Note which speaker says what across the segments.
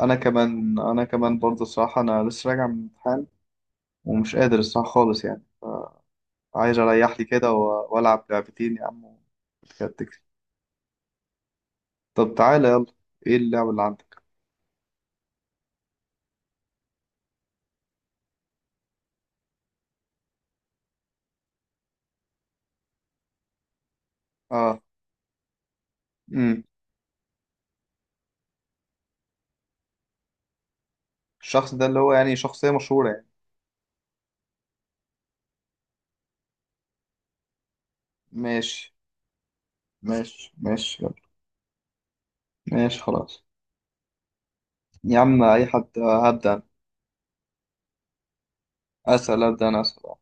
Speaker 1: انا كمان برضه الصراحه، انا لسه راجع من امتحان. ومش قادر الصراحه خالص يعني. عايز اريح لي كده والعب لعبتين يا عم. كانت تكفي. طب تعالى يلا. ايه اللعبه اللي عندك؟ اه. امم. الشخص ده اللي هو يعني شخصيه مشهوره يعني؟ ماشي. ماشي ماشي يلا. ماشي خلاص. يا عم اي حد، هبدا أنا. اسال، ابدا انا اسال آه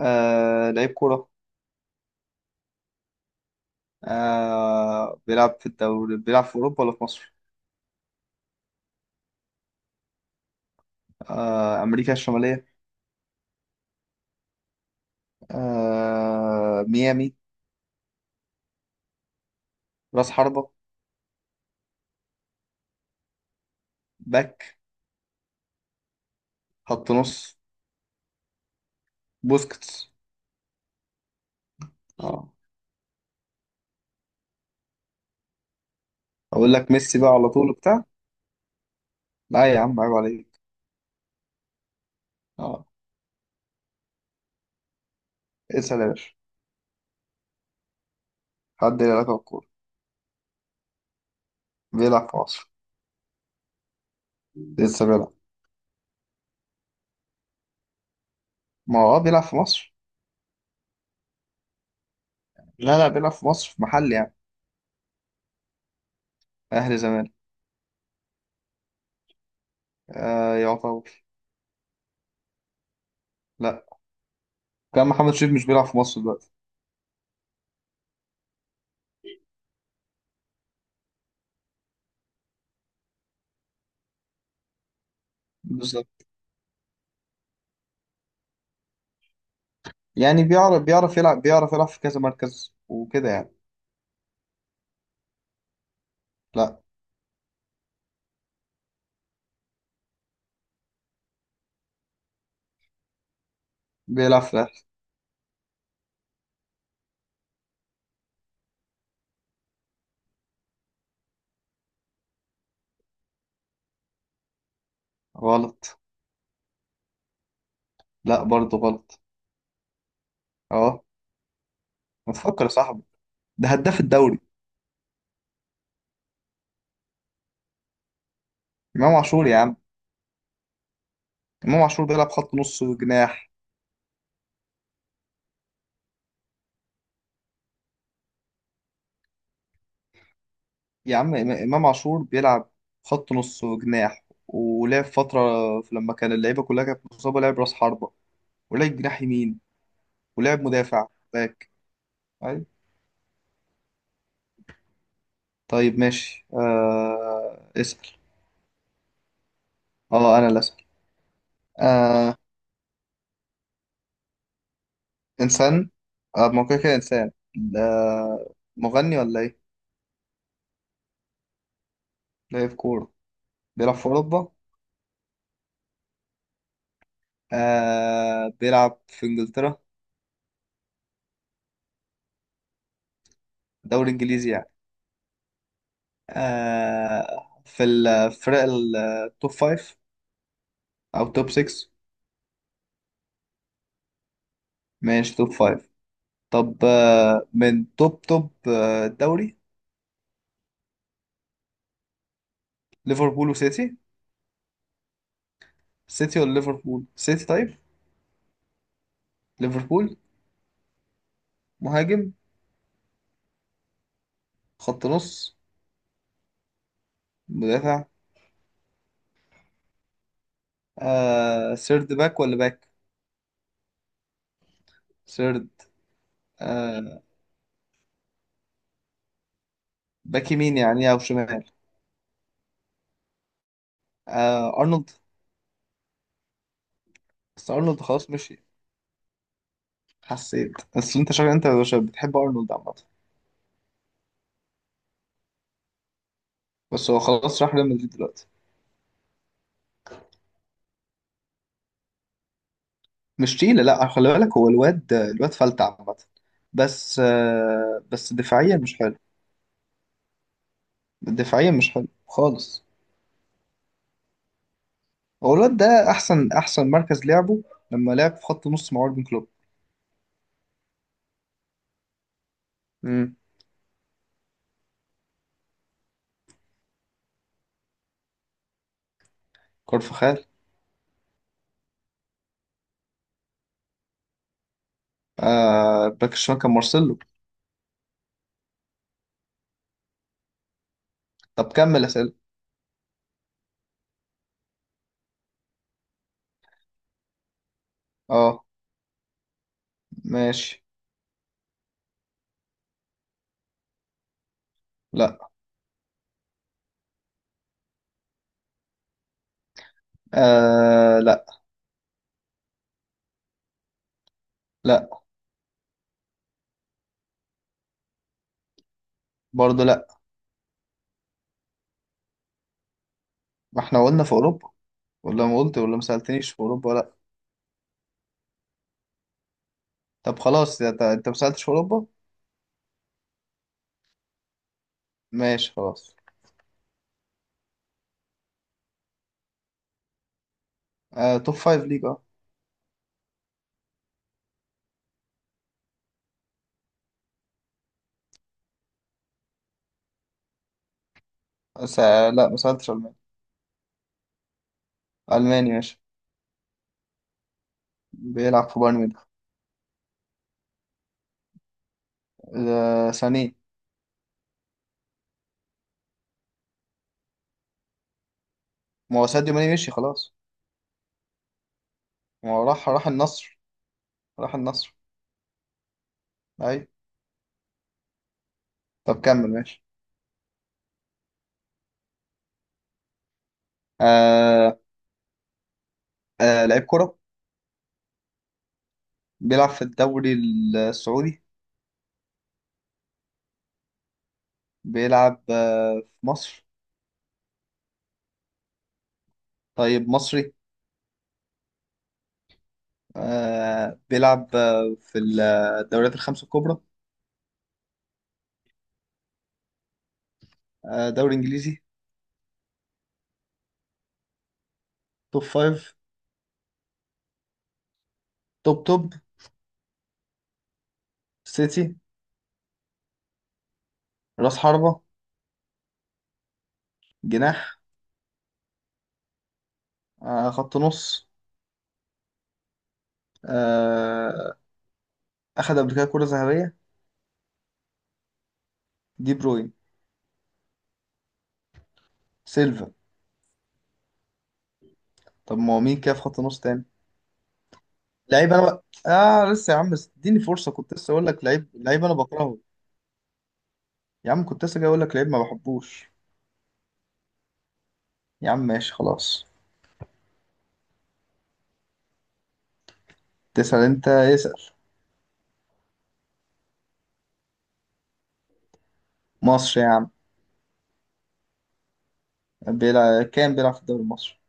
Speaker 1: آه، لعيب كوره؟ آه بيلعب في الدوري، بيلعب في اوروبا ولا في مصر؟ آه، امريكا الشماليه. آه ميامي. راس حربة؟ باك؟ خط نص؟ بوسكيتس؟ اه. اقول لك ميسي بقى على طول وبتاع. لا يا عم، عيب عليك. اه. اسأل يا باشا. حد له علاقة بالكورة؟ بيلعب في مصر؟ لسه بيلعب. ما هو اه بيلعب في مصر. لا لا، بيلعب في مصر في محل يعني. اهلي زمان. آه يعتبر. لا. كان محمد شريف مش بيلعب في مصر دلوقتي. بالظبط. يعني بيعرف يلعب في كذا مركز وكده يعني. لا. بيلعب في الاهلي. غلط. لا برضه غلط. اه. ما تفكر يا صاحبي، ده هداف الدوري. امام عاشور يا عم. امام عاشور بيلعب خط نص وجناح. يا عم، امام عاشور بيلعب خط نص وجناح، ولعب فتره لما كان اللعيبه كلها كانت مصابه لعب راس حربه، ولعب جناح يمين، ولعب مدافع. باك. أيوة. طيب ماشي. اسال. اه انا اللي اسال. آه... انسان. آه ما هو كده كده انسان. مغني ولا ايه؟ لاعب كوره. بيلعب في اوروبا. بيلعب في انجلترا. دوري انجليزي يعني. في الفرق التوب فايف أو توب 6. ماشي توب فايف. طب من توب توب، دوري؟ ليفربول وسيتي. سيتي ولا ليفربول؟ سيتي طيب. ليفربول. مهاجم؟ خط نص؟ مدافع؟ آه سيرد باك ولا باك؟ سيرد. آه باك يمين يعني أو شمال؟ آه أرنولد. بس أرنولد خلاص مشي. حسيت. بس أنت شكلك أنت يا باشا بتحب أرنولد عامة. بس هو خلاص راح ريال مدريد دلوقتي. مش تقيلة، لا خلي بالك، هو الواد فلت عامة. بس، بس دفاعيا مش حلو. دفاعيا مش حلو خالص. هو الواد ده أحسن مركز لعبه لما لعب في خط نص مع أوربن كلوب. امم. كارفخال. آه باك الشمال كان مارسيلو. طب كمل أسئلة. اه. ماشي. لا. آه لا. لا برضه لا. ما احنا قلنا في أوروبا. ولا ما قلت، ولا ما سألتنيش في أوروبا، لا. طب خلاص انت ما سألتش في أوروبا. ماشي خلاص. آه توب فايف ليج اه. س... لا ما سألتش ألماني. ألماني ماشي. بيلعب في بايرن ميونخ. آه ثانية. ما هو ساديو ماني مشي خلاص. ما هو راح النصر. راح النصر. أيوة. طب كمل ماشي. آه لعيب كرة. بيلعب في الدوري السعودي. بيلعب في مصر. طيب مصري. آه بيلعب في الدوريات الخمسة الكبرى. آه دوري إنجليزي. توب فايف. توب توب. سيتي. رأس حربة. جناح. خط نص آه، اخد قبل كده كرة ذهبية. دي بروين. سيلفا. طب ما هو مين كده في خط نص تاني؟ لعيب انا بقى اه لسه يا عم، بس اديني فرصة، كنت لسه اقول لك لعيب انا بكرهه. يا عم كنت لسه جاي اقول لك لعيب ما بحبوش. يا عم ماشي خلاص. تسأل انت، اسأل. مصر يا عم. كان بيلعب في الدوري المصري.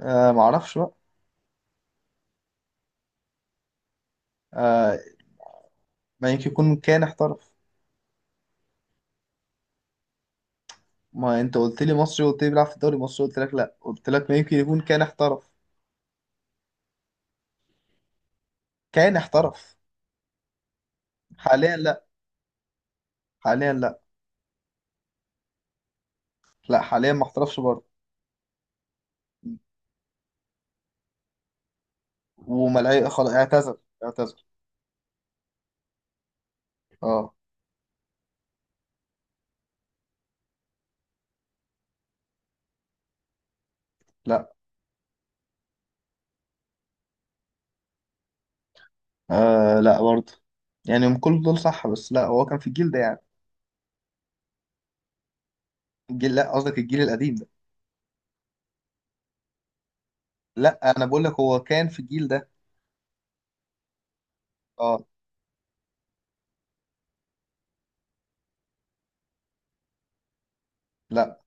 Speaker 1: آه ما اعرفش بقى. آه ما يمكن يكون كان احترف. ما انت قلت لي مصري، قلت لي بيلعب في الدوري المصري، قلت لك لا، قلت لك ما يمكن يكون كان احترف. كان احترف. حاليا لا. حاليا لا. لا حاليا ما احترفش برضه. وملاهي خلاص اعتذر. اعتذر. اه. لا لا برضه. يعني هم كل دول صح، بس لا هو كان في الجيل ده يعني. لا قصدك الجيل القديم ده. لا انا بقول لك هو كان في الجيل ده. اه. لا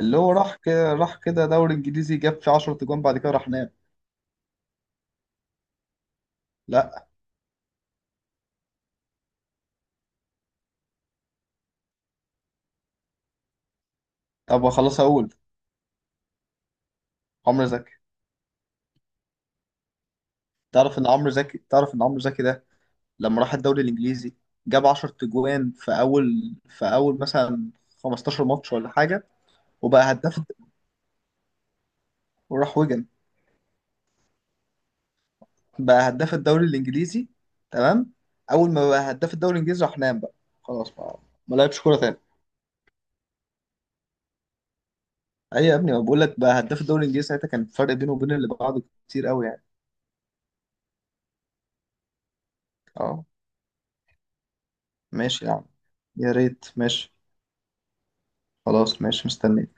Speaker 1: اللي هو راح كده دوري انجليزي جاب فيه 10 تجوان بعد كده راح نام. لا. طب خلاص اقول. عمرو زكي. تعرف ان عمرو زكي ده لما راح الدوري الانجليزي جاب 10 تجوان في اول مثلا 15 ماتش ولا حاجه. وبقى هداف وراح وجع. بقى هداف الدوري الانجليزي. تمام. اول ما بقى هداف الدوري الانجليزي راح نام بقى. خلاص بقى. ما لعبش كوره تاني. ايوه يا ابني، ما بقول لك بقى هداف الدوري الانجليزي ساعتها كان الفرق بينه وبين اللي بعده كتير قوي يعني. اه ماشي يا عم. يا ريت ماشي. خلاص ماشي مستني.